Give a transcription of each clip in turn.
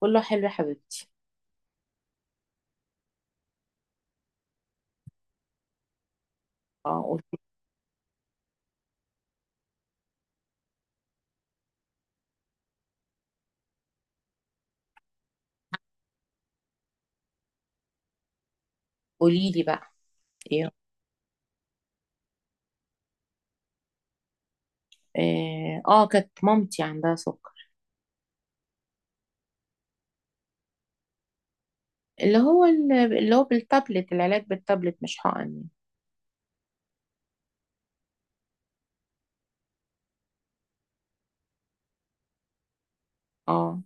كله حلو يا حبيبتي. اه، قولي لي بقى ايه. اه، كانت مامتي عندها سكر. اللي هو بالتابلت، العلاج بالتابلت مش حقن يعني. اه،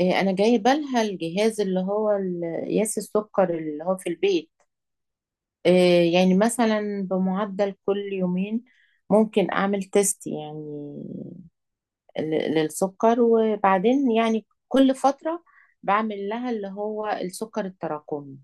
إيه، انا جايبه لها الجهاز قياس السكر اللي هو في البيت. إيه، يعني مثلا بمعدل كل يومين ممكن اعمل تيست يعني للسكر، وبعدين يعني كل فتره بعمل لها اللي هو السكر التراكمي.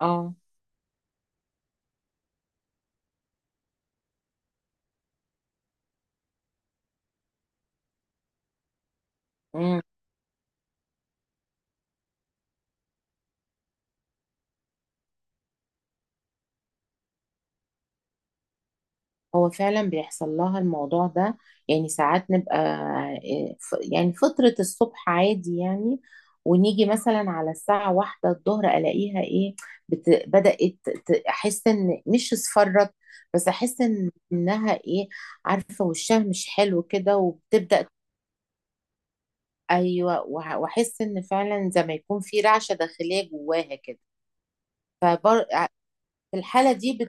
اه، آه. هو فعلا بيحصل لها الموضوع ده، يعني ساعات نبقى يعني فترة الصبح عادي يعني، ونيجي مثلا على الساعة واحدة الظهر ألاقيها إيه، بت... بدأت ت- أحس إن مش اصفرت، بس أحس إنها إيه، عارفة وشها مش حلو كده وبتبدأ. أيوه، وأحس إن فعلا زي ما يكون في رعشة داخلية جواها كده. فبر... آه، في الحالة دي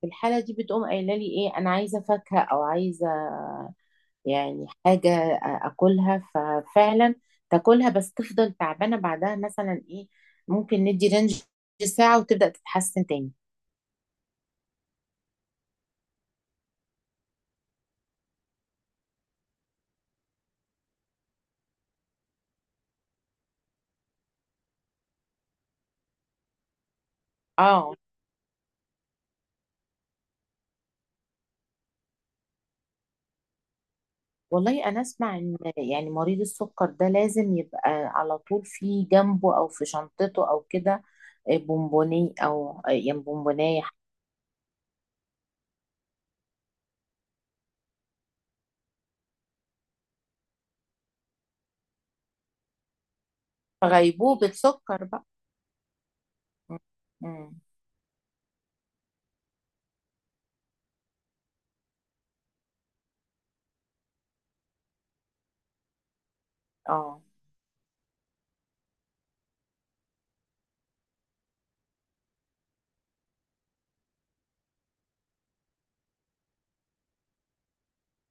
في الحالة دي بتقوم قايلة لي إيه، أنا عايزة فاكهة أو عايزة يعني حاجة أكلها. ففعلا تاكلها، بس تفضل تعبانة بعدها، مثلا إيه ممكن ندي رينج ساعة وتبدأ تتحسن تاني. آه، والله أنا أسمع إن يعني مريض السكر ده لازم يبقى على طول في جنبه أو في شنطته أو كده بونبوني أو يعني بونبوناية. غيبوبة سكر بقى. م- م. آه،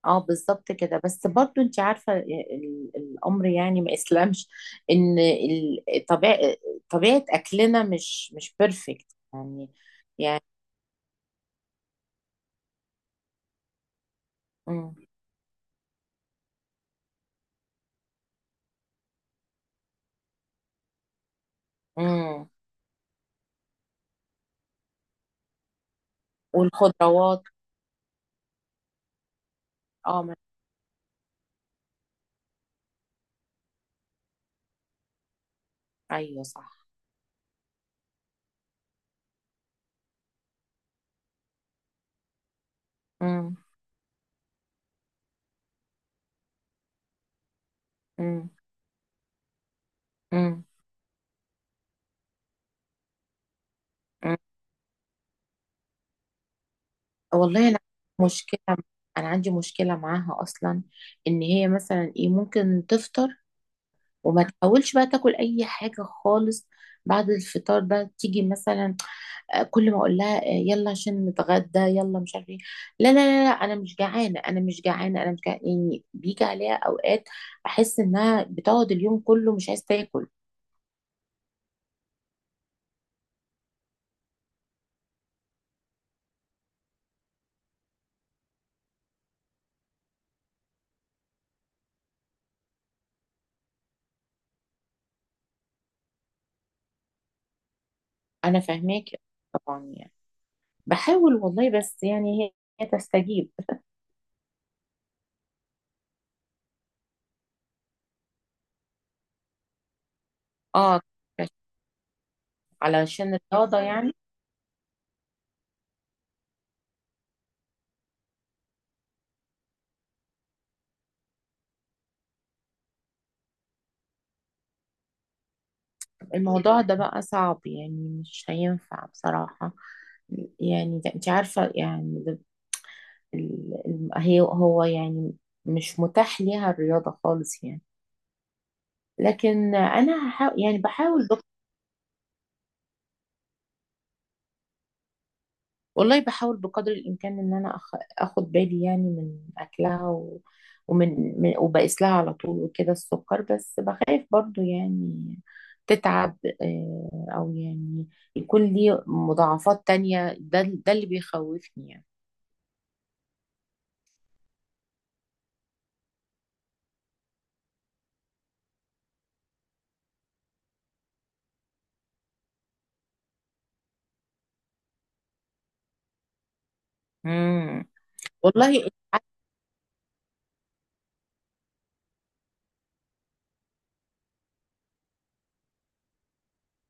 اه بالظبط كده. بس برضو انت عارفة الامر، يعني ما اسلمش ان طبيعة اكلنا مش بيرفكت يعني. يعني. مم. مم. والخضروات. اه، ايوه صح. مم. مم. مم. مم. والله انا، مشكلة انا عندي مشكلة معاها اصلا، ان هي مثلا ايه ممكن تفطر وما تحاولش بقى تاكل اي حاجة خالص. بعد الفطار ده تيجي مثلا كل ما اقول لها يلا عشان نتغدى، يلا مش عارف ايه، لا لا لا لا انا مش جعانه، انا مش جعانه، انا مش جعانه، يعني بيجي عليها اوقات احس انها بتقعد اليوم كله مش عايزه تاكل. انا فاهماك، طبعا يعني بحاول والله، بس يعني هي تستجيب. اه، علشان الرياضه يعني. الموضوع ده بقى صعب يعني، مش هينفع بصراحه، يعني انت عارفه، يعني هو يعني مش متاح ليها الرياضه خالص يعني. لكن انا هحاول، يعني والله بحاول بقدر الامكان ان انا اخد بالي يعني من اكلها وبقيس لها على طول وكده السكر، بس بخاف برضو يعني تتعب، او يعني يكون لي مضاعفات تانية. ده اللي بيخوفني يعني. مم. والله،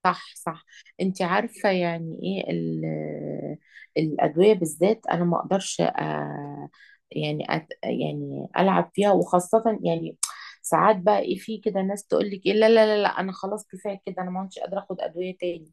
صح صح. انت عارفة يعني ايه الأدوية بالذات. انا ما اقدرش، يعني يعني العب فيها، وخاصة يعني ساعات بقى ايه، في كده ناس تقول لك ايه، لا لا لا لا انا خلاص كفاية كده، انا ما عدتش قادرة اخد أدوية تاني.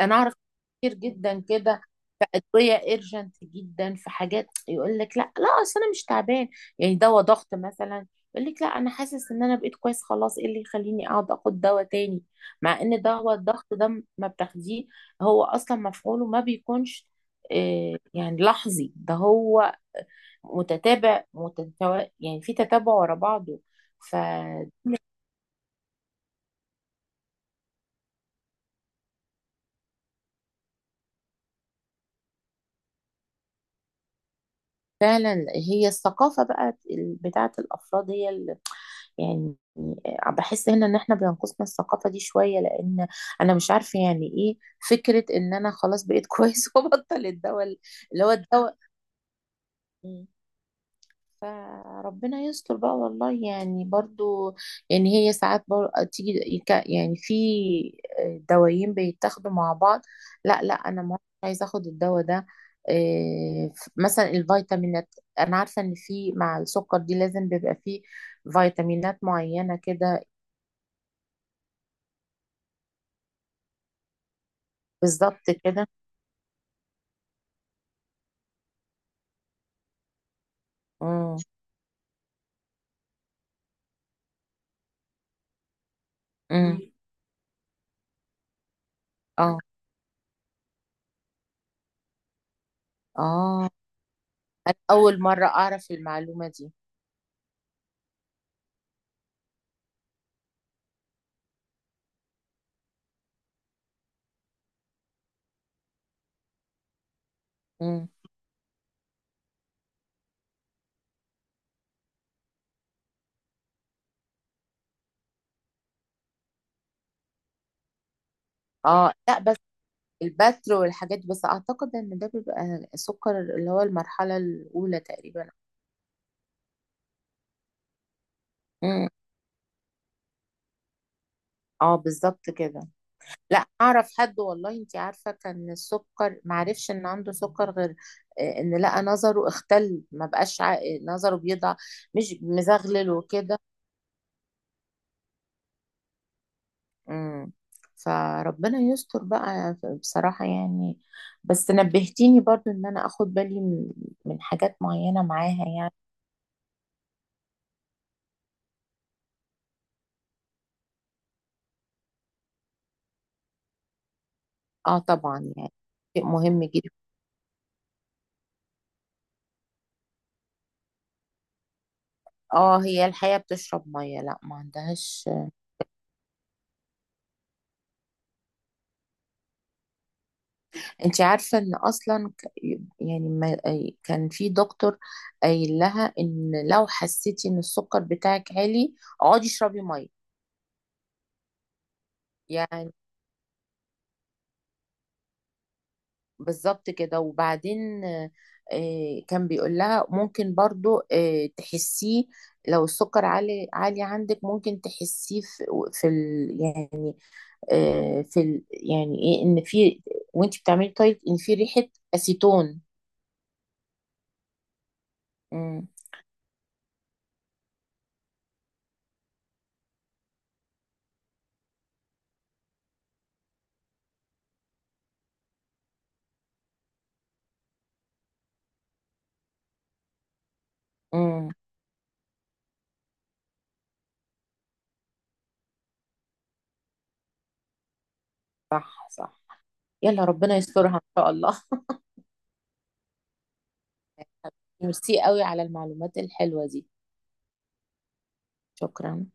انا اعرف كتير جدا كده. في ادويه ايرجنت جدا، في حاجات يقول لك لا لا اصل انا مش تعبان. يعني دواء ضغط مثلا، يقول لك لا انا حاسس ان انا بقيت كويس خلاص، ايه اللي يخليني اقعد اخد دواء تاني. مع ان دواء الضغط ده ما بتاخديه هو اصلا مفعوله ما بيكونش، يعني لحظي، ده هو متتابع، يعني في تتابع ورا بعضه ففعلا. هي الثقافة بقى بتاعت الأفراد، هي يعني، بحس هنا ان احنا بينقصنا الثقافة دي شوية، لان انا مش عارفة يعني ايه فكرة ان انا خلاص بقيت كويس وبطل الدواء، اللي هو الدواء. مم. فربنا يستر بقى والله، يعني برضو يعني هي ساعات برضو تيجي يعني في، دوايين بيتاخدوا مع بعض، لا لا انا ما عايزه اخد الدواء ده. إيه، مثلا الفيتامينات انا عارفه ان في مع السكر دي لازم بيبقى فيه فيتامينات معينه كده. بالظبط كده. امم، امم، اه، اه، انا اول مره اعرف المعلومه دي. امم. اه لا، بس البتر والحاجات دي، بس اعتقد ان ده بيبقى سكر اللي هو المرحله الاولى تقريبا. امم. اه بالظبط كده. لا اعرف حد والله، انت عارفه كان السكر معرفش ان عنده سكر غير ان لقى نظره اختل ما بقاش نظره بيضع، مش مزغلل وكده. امم. فربنا يستر بقى بصراحة يعني. بس نبهتيني برضو ان انا اخد بالي من حاجات معينة معاها يعني. اه طبعا يعني، شيء مهم جدا. اه هي الحياة بتشرب مية، لا ما عندهاش. انت عارفة ان اصلا يعني ما كان في دكتور قايل لها ان لو حسيتي ان السكر بتاعك عالي اقعدي اشربي مية يعني. بالظبط كده، وبعدين كان بيقول لها ممكن برضو تحسيه. لو السكر عالي عالي عندك ممكن تحسيه في ال يعني، في ال يعني ايه، ان في وانت بتعملي دايت ان في ريحة اسيتون. امم، امم. صح صح. يلا ربنا يسترها ان شاء الله. ميرسي قوي على المعلومات الحلوة دي. شكرا.